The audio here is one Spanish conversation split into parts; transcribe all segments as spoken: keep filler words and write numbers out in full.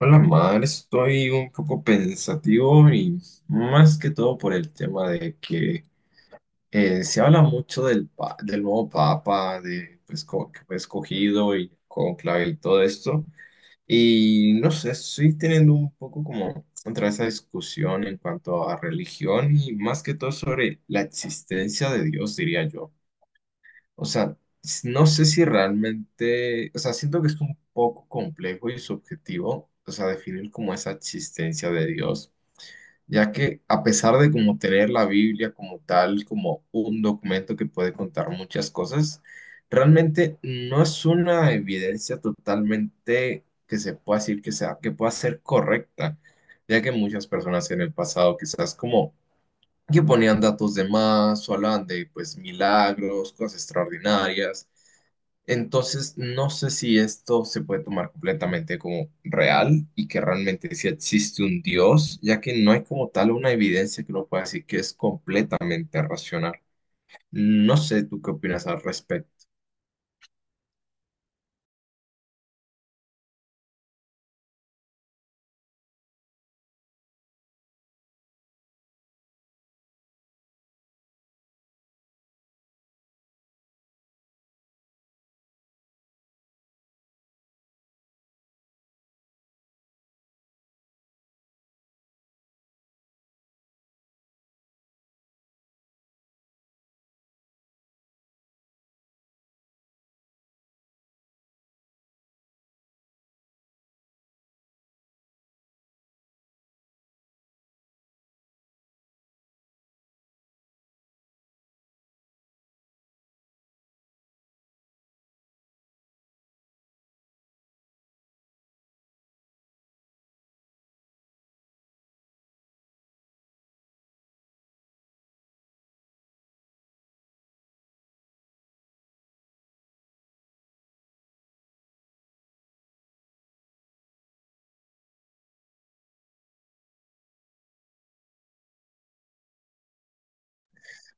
Hola, Mar, estoy un poco pensativo y más que todo por el tema de que eh, se habla mucho del, pa- del nuevo papa, de pues, como que fue escogido y conclave y todo esto. Y no sé, estoy teniendo un poco como otra esa discusión en cuanto a religión y más que todo sobre la existencia de Dios, diría yo. O sea, s- no sé si realmente, o sea, siento que es un poco complejo y subjetivo, o sea, definir como esa existencia de Dios, ya que a pesar de como tener la Biblia como tal, como un documento que puede contar muchas cosas, realmente no es una evidencia totalmente que se pueda decir que sea, que pueda ser correcta, ya que muchas personas en el pasado quizás como que ponían datos de más o hablaban de pues milagros, cosas extraordinarias. Entonces, no sé si esto se puede tomar completamente como real y que realmente sí existe un Dios, ya que no hay como tal una evidencia que uno pueda decir que es completamente racional. No sé, ¿tú qué opinas al respecto?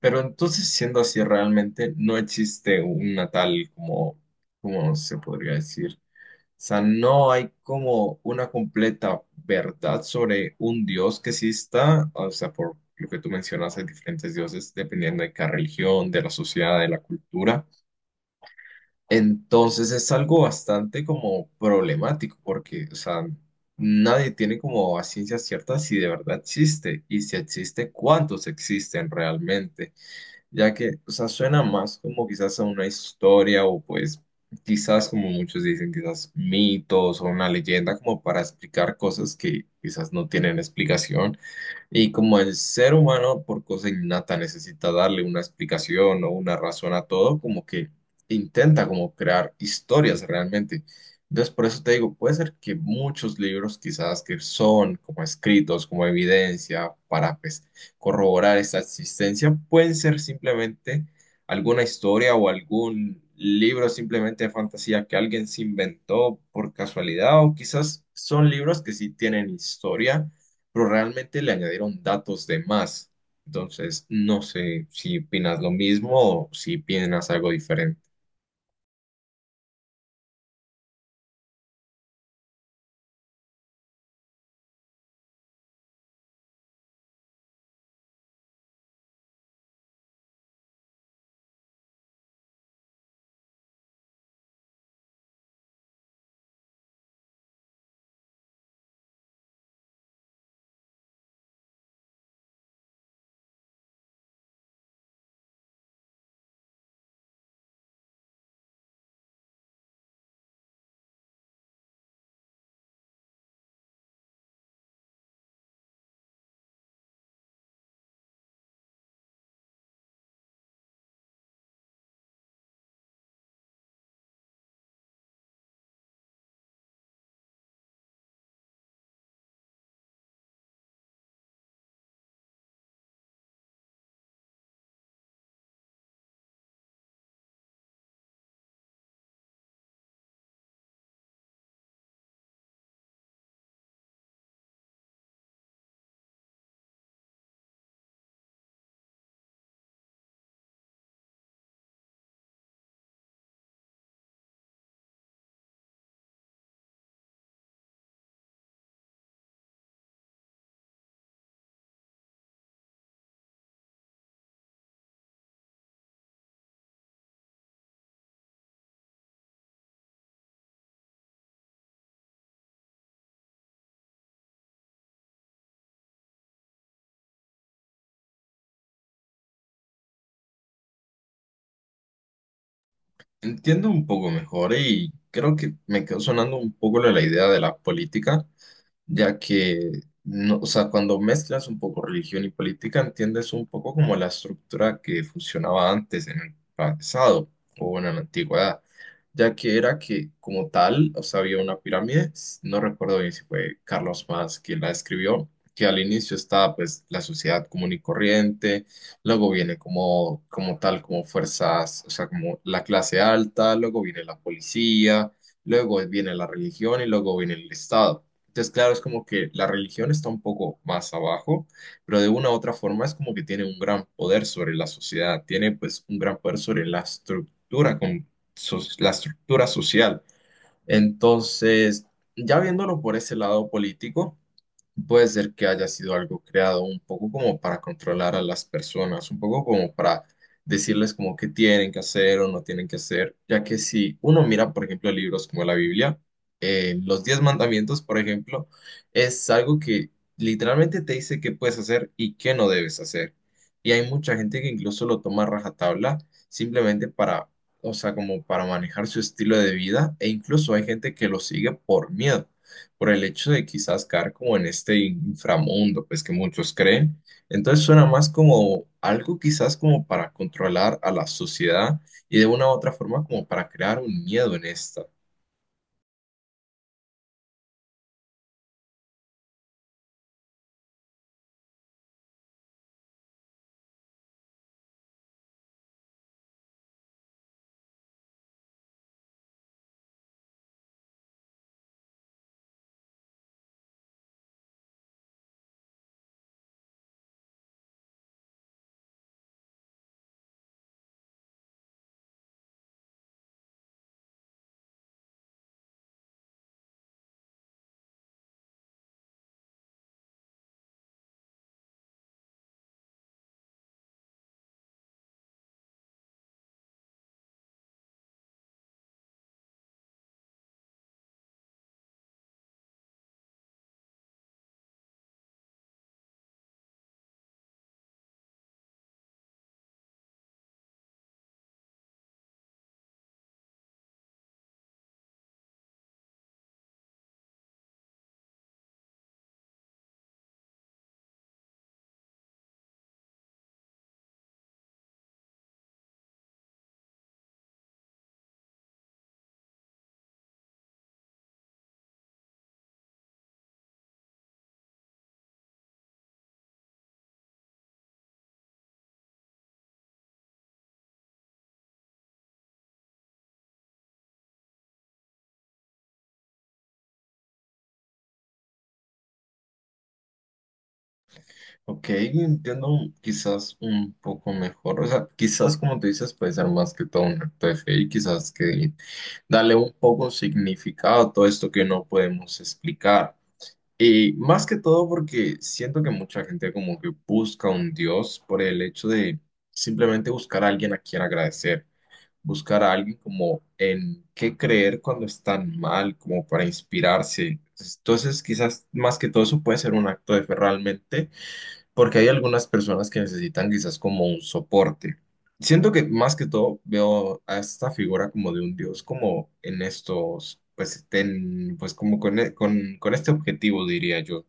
Pero entonces, siendo así, realmente no existe una tal como, ¿cómo se podría decir? O sea, no hay como una completa verdad sobre un dios que exista, o sea, por lo que tú mencionas, hay diferentes dioses dependiendo de cada religión, de la sociedad, de la cultura. Entonces es algo bastante como problemático porque, o sea, nadie tiene como a ciencia cierta si de verdad existe y si existe, cuántos existen realmente, ya que, o sea, suena más como quizás a una historia o pues quizás como muchos dicen, quizás mitos o una leyenda como para explicar cosas que quizás no tienen explicación. Y como el ser humano, por cosa innata, necesita darle una explicación o una razón a todo, como que intenta como crear historias realmente. Entonces, por eso te digo, puede ser que muchos libros quizás que son como escritos, como evidencia para pues, corroborar esta existencia, pueden ser simplemente alguna historia o algún libro simplemente de fantasía que alguien se inventó por casualidad, o quizás son libros que sí tienen historia pero realmente le añadieron datos de más. Entonces, no sé si opinas lo mismo o si opinas algo diferente. Entiendo un poco mejor y creo que me quedó sonando un poco la la idea de la política, ya que, no, o sea, cuando mezclas un poco religión y política, entiendes un poco como la estructura que funcionaba antes en el pasado o bueno, en la antigüedad, ya que era que como tal, o sea, había una pirámide, s- no recuerdo bien si fue Carlos Más quien la escribió, que al inicio estaba pues la sociedad común y corriente, luego viene como, como tal, como fuerzas, o sea, como la clase alta, luego viene la policía, luego viene la religión y luego viene el Estado. Entonces, claro, es como que la religión está un poco más abajo, pero de una u otra forma es como que tiene un gran poder sobre la sociedad, tiene pues un gran poder sobre la estructura, con so- la estructura social. Entonces, ya viéndolo por ese lado político, puede ser que haya sido algo creado un poco como para controlar a las personas, un poco como para decirles como qué tienen que hacer o no tienen que hacer, ya que si uno mira, por ejemplo, libros como la Biblia, eh, los diez mandamientos, por ejemplo, es algo que literalmente te dice qué puedes hacer y qué no debes hacer. Y hay mucha gente que incluso lo toma a rajatabla simplemente para, o sea, como para manejar su estilo de vida, e incluso hay gente que lo sigue por miedo por el hecho de quizás caer como en este inframundo, pues que muchos creen. Entonces suena más como algo quizás como para controlar a la sociedad y de una u otra forma como para crear un miedo en esta. Ok, entiendo quizás un poco mejor, o sea, quizás como tú dices puede ser más que todo un acto de fe y quizás que darle un poco significado a todo esto que no podemos explicar. Y más que todo porque siento que mucha gente como que busca un Dios por el hecho de simplemente buscar a alguien a quien agradecer, buscar a alguien como en qué creer cuando están mal, como para inspirarse. Entonces, quizás más que todo eso puede ser un acto de fe realmente, porque hay algunas personas que necesitan quizás como un soporte. Siento que más que todo veo a esta figura como de un dios, como en estos, pues, ten- pues como con, e- con, con este objetivo, diría yo.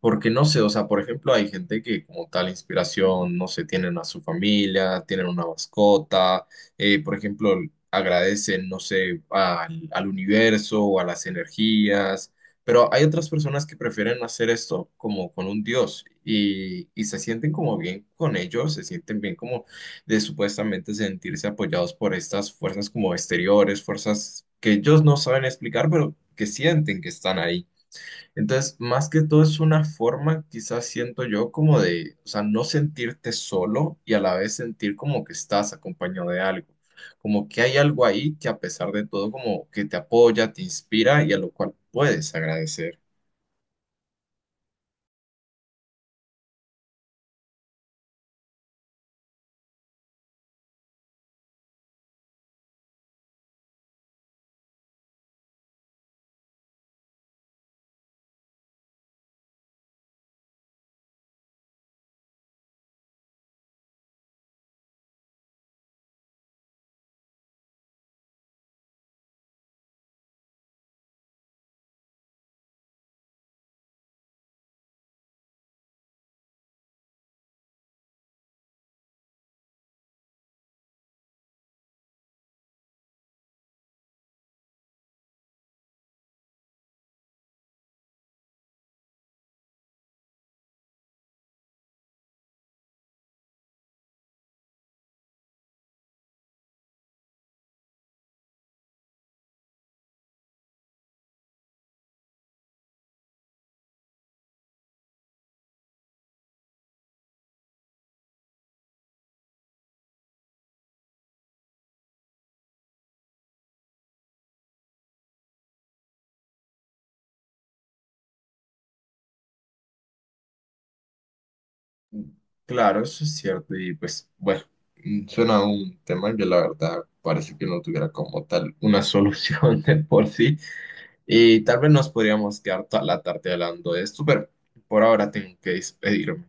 Porque no sé, o sea, por ejemplo, hay gente que como tal inspiración, no sé, tienen a su familia, tienen una mascota, eh, por ejemplo, agradecen, no sé, al, al universo o a las energías, pero hay otras personas que prefieren hacer esto como con un dios y, y se sienten como bien con ellos, se sienten bien como de supuestamente sentirse apoyados por estas fuerzas como exteriores, fuerzas que ellos no saben explicar, pero que sienten que están ahí. Entonces, más que todo es una forma, quizás siento yo, como de, o sea, no sentirte solo y a la vez sentir como que estás acompañado de algo, como que hay algo ahí que a pesar de todo como que te apoya, te inspira y a lo cual puedes agradecer. Claro, eso es cierto y pues bueno, mm, suena a un tema que la verdad parece que no tuviera como tal una solución de por sí y tal vez nos podríamos quedar toda la tarde hablando de esto, pero por ahora tengo que despedirme.